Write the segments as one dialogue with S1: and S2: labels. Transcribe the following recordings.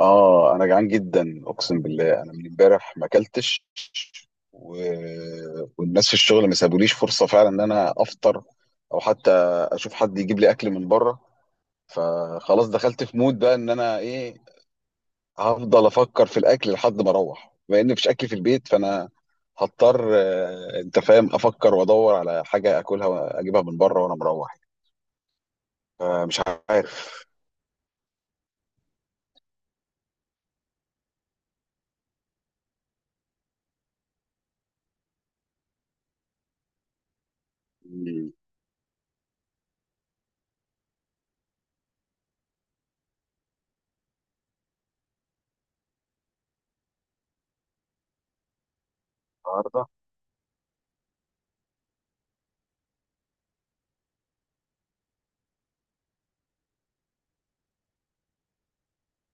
S1: اه، انا جعان جدا اقسم بالله. انا من امبارح ما اكلتش و... والناس في الشغل ما سابوليش فرصه فعلا ان انا افطر، او حتى اشوف حد يجيب لي اكل من بره. فخلاص دخلت في مود بقى ان انا ايه، هفضل افكر في الاكل لحد ما اروح. بما ان مفيش اكل في البيت فانا هضطر انت فاهم، افكر وادور على حاجه اكلها واجيبها من بره وانا مروح. فمش عارف. النهارده،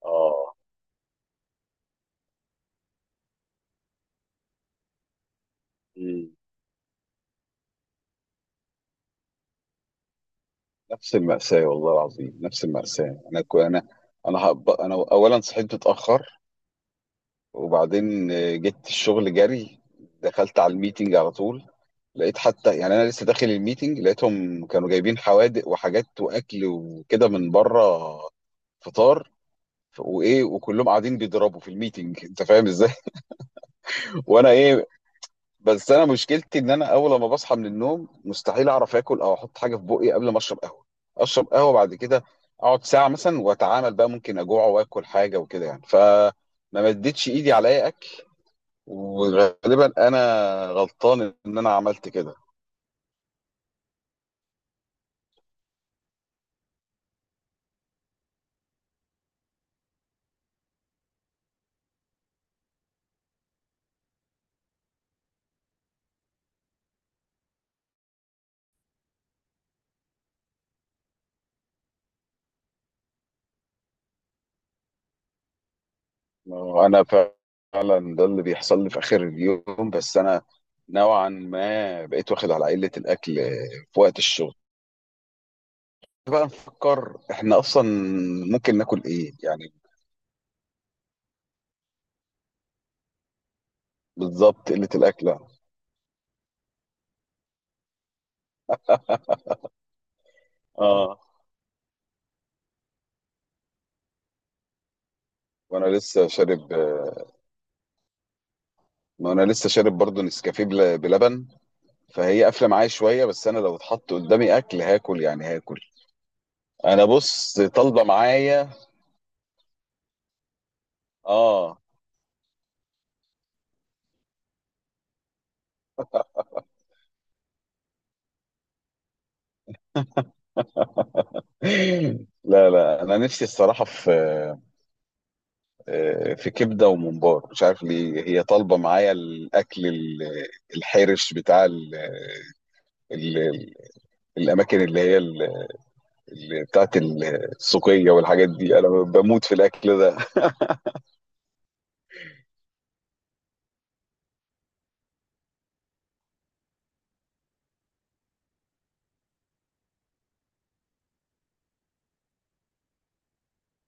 S1: اه، نفس المأساة والله العظيم، نفس المأساة. أنا كو أنا أنا هب... أنا أولا صحيت متأخر، وبعدين جيت الشغل جري، دخلت على الميتنج على طول. لقيت حتى، يعني أنا لسه داخل الميتنج لقيتهم كانوا جايبين حوادق وحاجات وأكل وكده من بره، فطار. وإيه، وكلهم قاعدين بيضربوا في الميتنج، أنت فاهم إزاي. وأنا إيه. بس انا مشكلتي ان انا اول ما بصحى من النوم مستحيل اعرف اكل او احط حاجه في بقي قبل ما اشرب قهوه. اشرب قهوه بعد كده، اقعد ساعه مثلا واتعامل، بقى ممكن اجوع واكل حاجه وكده يعني. فما مدتش ايدي على اي اكل، وغالبا انا غلطان ان انا عملت كده. انا فعلا ده اللي بيحصل لي في اخر اليوم، بس انا نوعا ما بقيت واخد على قله الاكل في وقت الشغل. بقى نفكر احنا اصلا ممكن ناكل ايه يعني. بالظبط، قله الاكل. اه، وانا لسه شارب. ما انا لسه شارب برضه نسكافيه بلبن، فهي قافله معايا شويه، بس انا لو اتحط قدامي اكل هاكل، يعني هاكل. انا بص طالبه معايا. اه. لا لا، انا نفسي الصراحه في في كبده وممبار، مش عارف ليه هي طالبه معايا الاكل الحرش بتاع ال الاماكن اللي هي اللي بتاعت السوقيه والحاجات دي، انا بموت في الاكل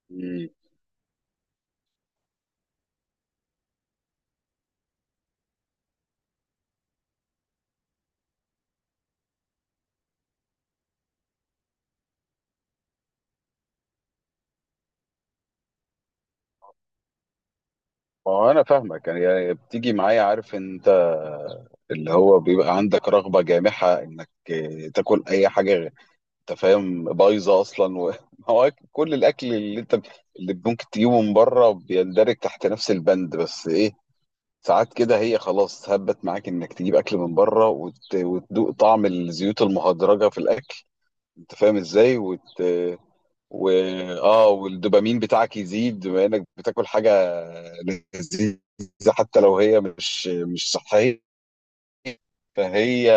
S1: ده. ما هو انا فاهمك، يعني يعني بتيجي معايا، عارف انت، اللي هو بيبقى عندك رغبه جامحه انك تاكل اي حاجه انت فاهم، بايظه اصلا ما هو كل الاكل اللي انت، اللي ممكن تجيبه من بره بيندرج تحت نفس البند. بس ايه، ساعات كده هي خلاص هبت معاك انك تجيب اكل من بره وتدوق طعم الزيوت المهدرجه في الاكل، انت فاهم ازاي وت... و اه، والدوبامين بتاعك يزيد بما انك بتاكل حاجه لذيذه، حتى لو هي مش صحيه، فهي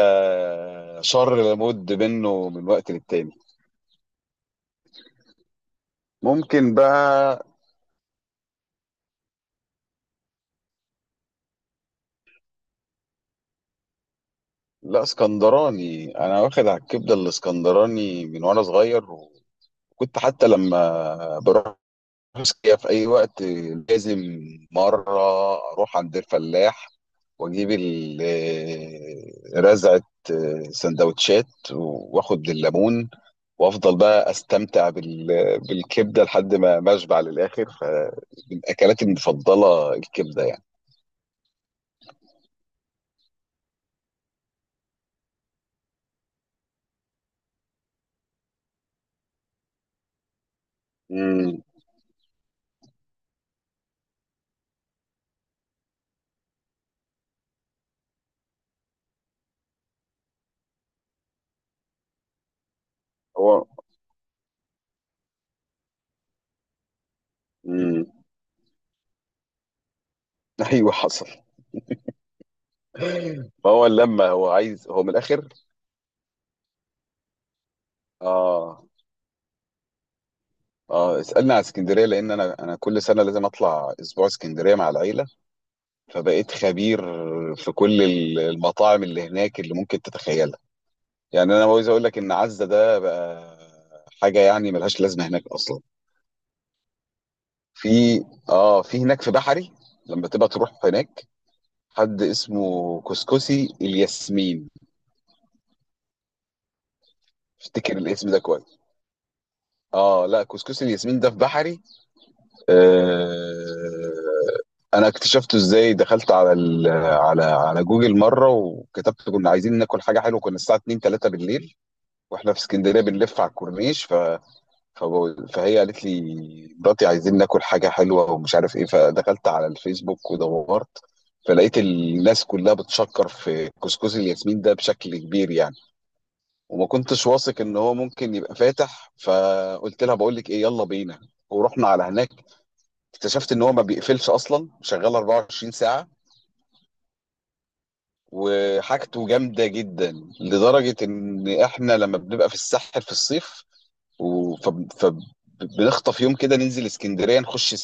S1: شر لابد منه من وقت للتاني. ممكن بقى، لا اسكندراني، انا واخد على الكبده الاسكندراني من وانا صغير. وكنت حتى لما بروح اسكندريه في اي وقت لازم مره اروح عند الفلاح واجيب رزعه سندوتشات، واخد الليمون، وافضل بقى استمتع بالكبده لحد ما اشبع للاخر. فمن اكلاتي المفضله الكبده يعني. امم. هو امم. ايوه حصل. فهو لما هو عايز، هو من الاخر. اه، اه، اسالني على اسكندريه، لان انا كل سنه لازم اطلع اسبوع اسكندريه مع العيله، فبقيت خبير في كل المطاعم اللي هناك اللي ممكن تتخيلها. يعني انا عاوز اقول لك ان عزه ده بقى حاجه يعني ملهاش لازمه هناك اصلا. في، اه، في هناك في بحري لما تبقى تروح هناك حد اسمه كسكسي الياسمين. افتكر الاسم ده كويس. اه، لا، كسكسي الياسمين ده في بحري. آه، انا اكتشفته ازاي؟ دخلت على على جوجل مره وكتبت، كنا عايزين ناكل حاجه حلوه، كنا الساعه 2 3 بالليل واحنا في اسكندريه بنلف على الكورنيش. فهي قالت لي، مراتي، عايزين ناكل حاجة حلوة ومش عارف ايه. فدخلت على الفيسبوك ودورت، فلقيت الناس كلها بتشكر في كسكسي الياسمين ده بشكل كبير يعني. وما كنتش واثق ان هو ممكن يبقى فاتح، فقلت لها بقول لك ايه، يلا بينا. ورحنا على هناك، اكتشفت ان هو ما بيقفلش اصلا، شغال 24 ساعة وحاجته جامدة جدا. لدرجة ان احنا لما بنبقى في الساحل في الصيف و- فب- فبنخطف يوم كده ننزل اسكندريه، نخش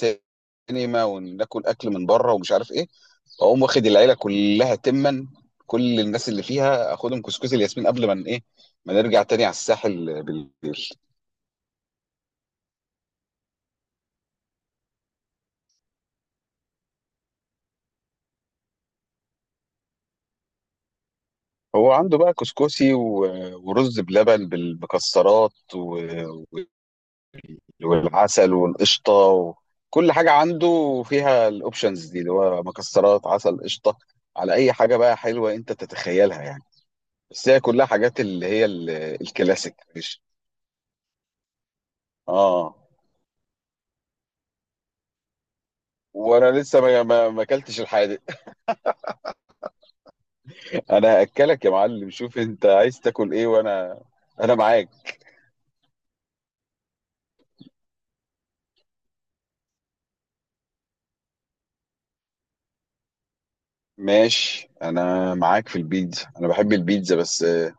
S1: سينما وناكل اكل من بره ومش عارف ايه. اقوم واخد العيله كلها تما، كل الناس اللي فيها، اخدهم كسكسي الياسمين قبل ما ن- ايه ما نرجع تاني على الساحل بالليل. هو عنده بقى كسكسي ورز بلبن بالمكسرات والعسل والقشطه كل حاجه عنده فيها الاوبشنز دي، اللي هو مكسرات، عسل، قشطه، على اي حاجه بقى حلوه انت تتخيلها يعني. بس هي كلها حاجات اللي هي الكلاسيك، مش. اه، وانا لسه ما اكلتش الحادق. انا هاكلك يا معلم، شوف انت عايز تاكل ايه وانا، انا معاك. ماشي، انا معاك في البيتزا، انا بحب البيتزا بس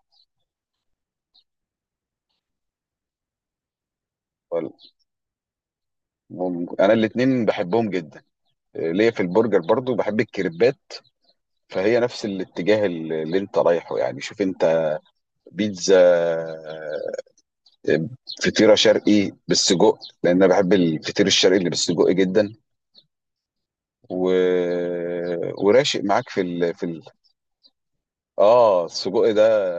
S1: وال- انا الاتنين بحبهم جدا. ليا في البرجر، برضو بحب الكريبات، فهي نفس الاتجاه اللي انت رايحه يعني. شوف انت، بيتزا، فطيرة شرقي بالسجق، لان انا بحب الفطير الشرقي اللي بالسجق جدا. و... وراشق معاك في اه، السجق ده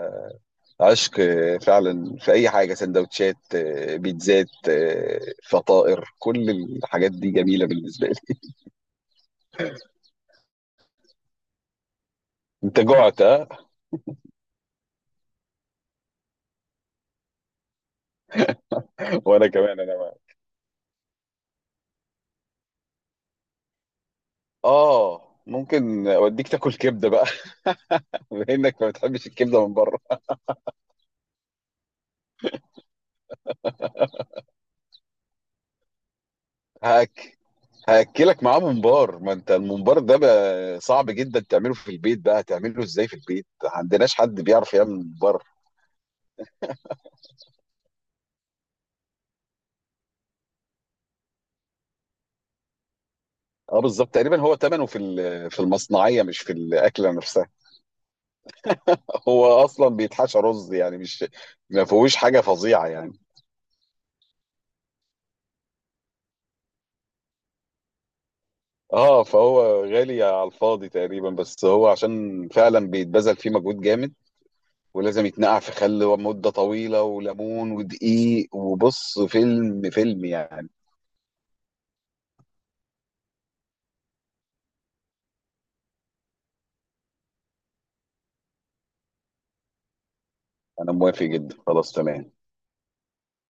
S1: عشق فعلا. في اي حاجه، سندوتشات، بيتزات، فطائر، كل الحاجات دي جميله بالنسبه لي. انت جعت ها. وانا كمان، انا معاك. اه، ممكن اوديك تاكل كبده بقى، بما انك ما بتحبش الكبده من بره. هاك، هاكلك معاه ممبار. ما انت الممبار ده بقى صعب جدا تعمله في البيت. بقى تعمله ازاي في البيت؟ ما عندناش حد بيعرف يعمل ممبار. اه، بالظبط تقريبا، هو ثمنه في في المصنعيه مش في الاكله نفسها. هو اصلا بيتحشى رز يعني، مش، ما فيهوش حاجه فظيعه يعني. اه، فهو غالي على الفاضي تقريبا، بس هو عشان فعلا بيتبذل فيه مجهود جامد، ولازم يتنقع في خل مده طويله وليمون ودقيق، وبص فيلم فيلم يعني. انا موافق جدا، خلاص تمام.